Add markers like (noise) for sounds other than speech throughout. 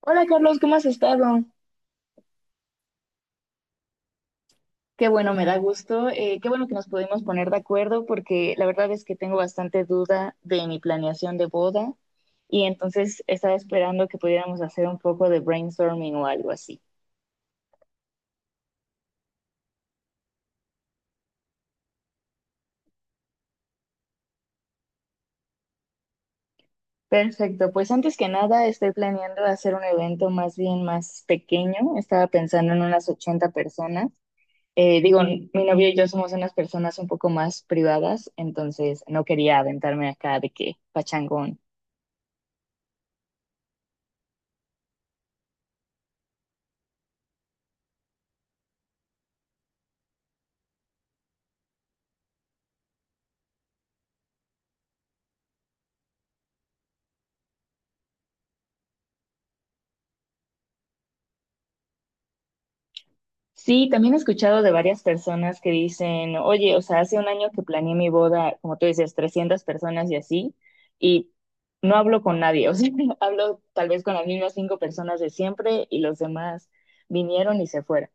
Hola Carlos, ¿cómo has estado? Qué bueno, me da gusto. Qué bueno que nos pudimos poner de acuerdo porque la verdad es que tengo bastante duda de mi planeación de boda y entonces estaba esperando que pudiéramos hacer un poco de brainstorming o algo así. Perfecto, pues antes que nada estoy planeando hacer un evento más bien más pequeño. Estaba pensando en unas 80 personas. Digo, mi novio y yo somos unas personas un poco más privadas, entonces no quería aventarme acá de que pachangón. Sí, también he escuchado de varias personas que dicen, oye, o sea, hace un año que planeé mi boda, como tú dices, 300 personas y así, y no hablo con nadie, (laughs) o sea, hablo tal vez con las mismas cinco personas de siempre y los demás vinieron y se fueron.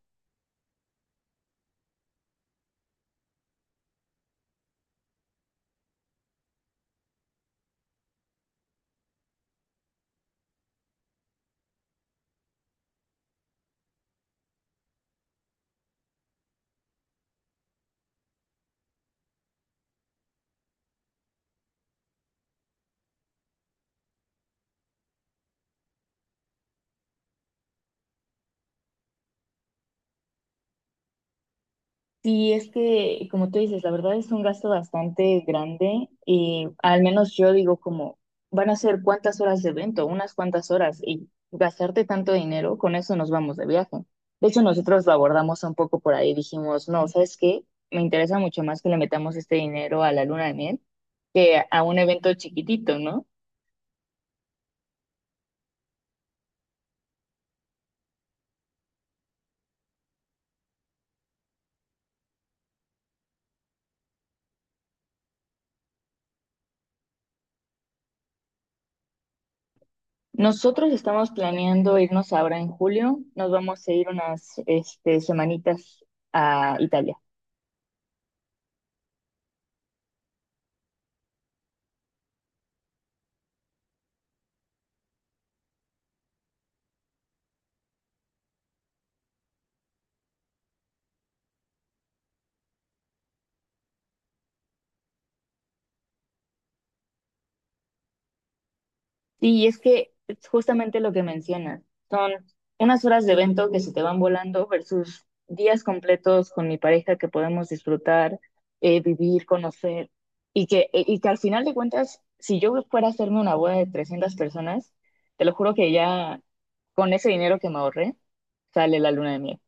Sí, es que, como tú dices, la verdad es un gasto bastante grande y al menos yo digo como, van a ser cuántas horas de evento, unas cuantas horas y gastarte tanto dinero, con eso nos vamos de viaje. De hecho, nosotros lo abordamos un poco por ahí, dijimos, no, ¿sabes qué? Me interesa mucho más que le metamos este dinero a la luna de miel que a un evento chiquitito, ¿no? Nosotros estamos planeando irnos ahora en julio, nos vamos a ir unas, este, semanitas a Italia. Sí, es que es justamente lo que mencionas, son unas horas de evento que se te van volando versus días completos con mi pareja que podemos disfrutar, vivir, conocer, y que al final de cuentas, si yo fuera a hacerme una boda de 300 personas, te lo juro que ya con ese dinero que me ahorré, sale la luna de miel.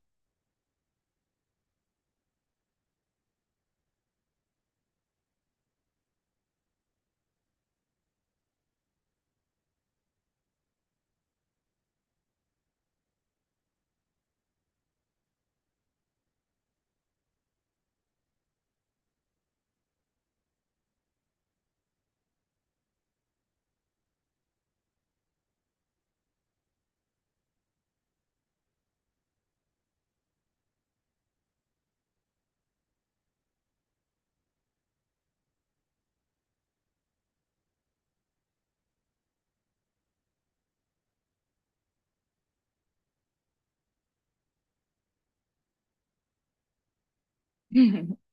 (laughs)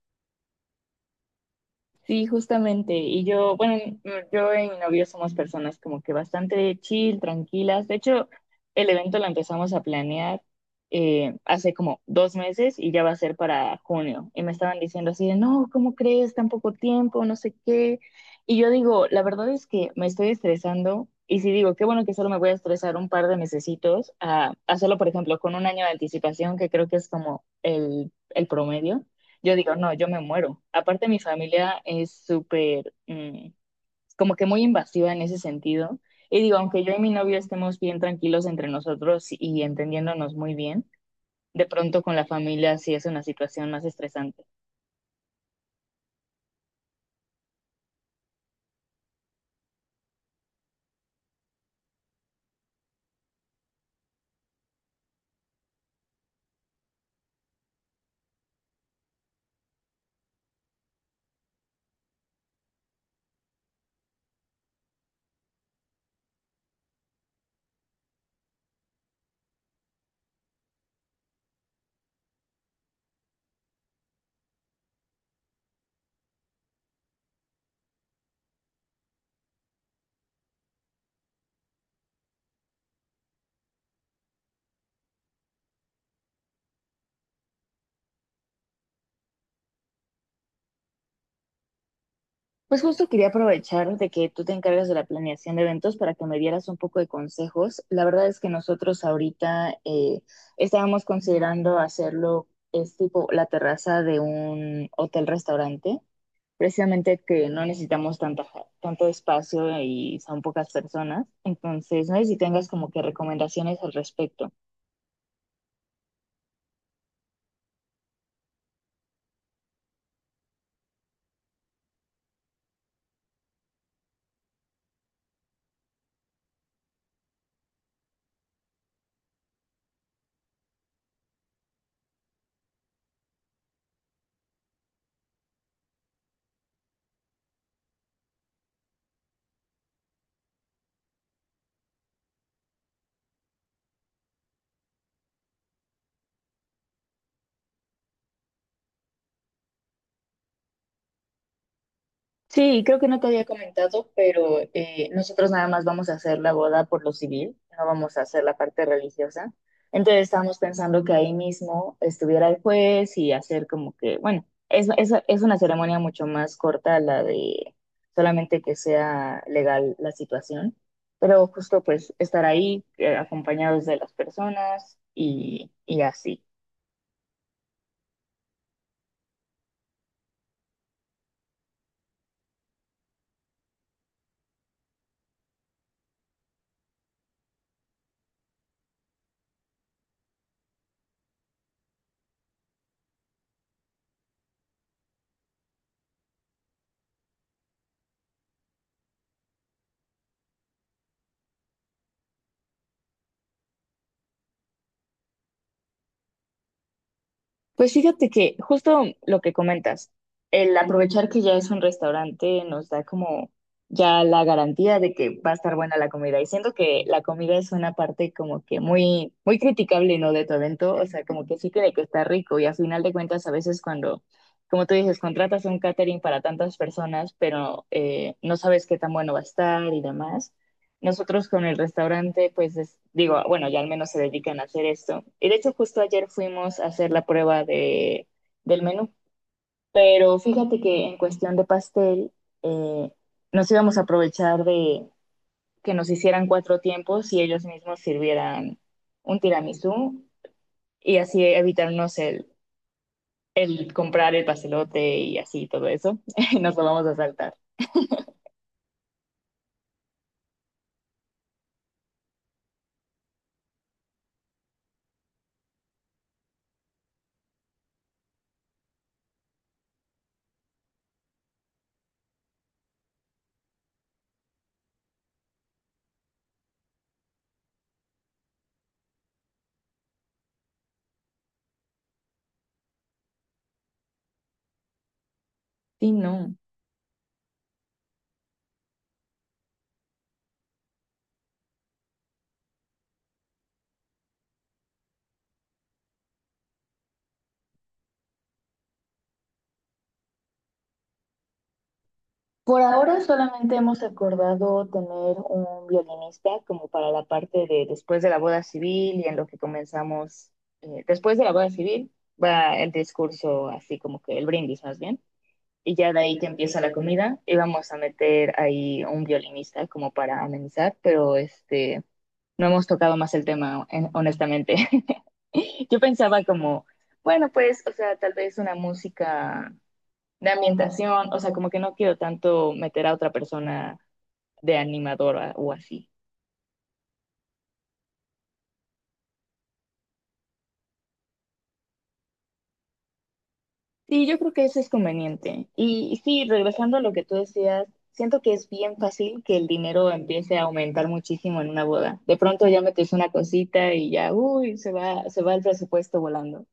Sí, justamente. Bueno, yo y mi novio somos personas como que bastante chill, tranquilas. De hecho, el evento lo empezamos a planear hace como 2 meses y ya va a ser para junio. Y me estaban diciendo así de, no, ¿cómo crees? Tan poco tiempo, no sé qué. Y yo digo, la verdad es que me estoy estresando. Y si digo, qué bueno que solo me voy a estresar un par de mesecitos a hacerlo, por ejemplo, con un año de anticipación, que creo que es como el promedio. Yo digo, no, yo me muero. Aparte, mi familia es súper, como que muy invasiva en ese sentido. Y digo, aunque yo y mi novio estemos bien tranquilos entre nosotros y entendiéndonos muy bien, de pronto con la familia sí es una situación más estresante. Pues justo quería aprovechar de que tú te encargas de la planeación de eventos para que me dieras un poco de consejos. La verdad es que nosotros ahorita estábamos considerando hacerlo, es tipo la terraza de un hotel-restaurante precisamente que no necesitamos tanta, tanto espacio y son pocas personas. Entonces, no sé si tengas como que recomendaciones al respecto. Sí, creo que no te había comentado, pero nosotros nada más vamos a hacer la boda por lo civil, no vamos a hacer la parte religiosa. Entonces estábamos pensando que ahí mismo estuviera el juez y hacer como que, bueno, es una ceremonia mucho más corta la de solamente que sea legal la situación, pero justo pues estar ahí acompañados de las personas y así. Pues fíjate que justo lo que comentas, el aprovechar que ya es un restaurante nos da como ya la garantía de que va a estar buena la comida. Y siento que la comida es una parte como que muy, muy criticable, ¿no? De tu evento. O sea, como que sí cree que está rico. Y a final de cuentas, a veces cuando, como tú dices, contratas un catering para tantas personas, pero no sabes qué tan bueno va a estar y demás. Nosotros con el restaurante, pues digo, bueno, ya al menos se dedican a hacer esto. Y de hecho, justo ayer fuimos a hacer la prueba del menú. Pero fíjate que en cuestión de pastel, eh, nos íbamos a aprovechar de que nos hicieran cuatro tiempos y ellos mismos sirvieran un tiramisú y así evitarnos el comprar el pastelote y así todo eso. (laughs) Nos lo vamos a saltar. Sí, no. Por ahora solamente hemos acordado tener un violinista como para la parte de después de la boda civil y en lo que comenzamos, después de la boda civil va el discurso así como que el brindis más bien, y ya de ahí que empieza la comida y vamos a meter ahí un violinista como para amenizar, pero este, no hemos tocado más el tema honestamente. (laughs) Yo pensaba como, bueno, pues, o sea, tal vez una música de ambientación, o sea, como que no quiero tanto meter a otra persona de animadora o así. Sí, yo creo que eso es conveniente. Y, sí, regresando a lo que tú decías, siento que es bien fácil que el dinero empiece a aumentar muchísimo en una boda. De pronto ya metes una cosita y ya, uy, se va el presupuesto volando.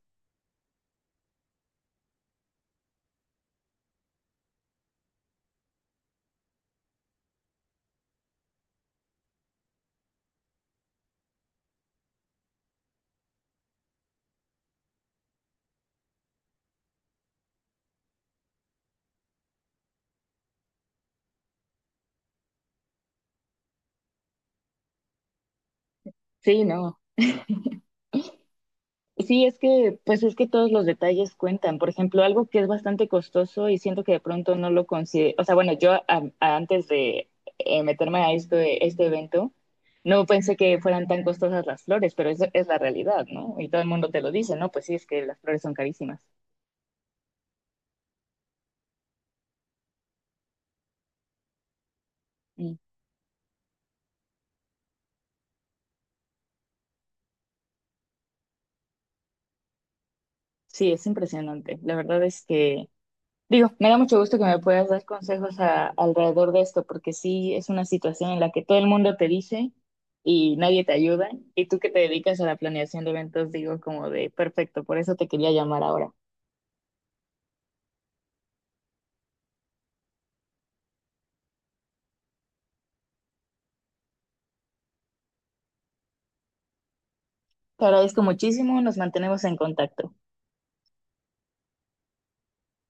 Sí, no. Sí, es que, pues es que todos los detalles cuentan. Por ejemplo, algo que es bastante costoso y siento que de pronto no lo considero. O sea, bueno, yo antes de meterme a esto, este evento, no pensé que fueran tan costosas las flores, pero eso es la realidad, ¿no? Y todo el mundo te lo dice, ¿no? Pues sí, es que las flores son carísimas. Y sí, es impresionante. La verdad es que Digo, me da mucho gusto que me puedas dar consejos alrededor de esto, porque sí es una situación en la que todo el mundo te dice y nadie te ayuda, y tú que te dedicas a la planeación de eventos, digo como de perfecto, por eso te quería llamar ahora. Te agradezco muchísimo, nos mantenemos en contacto.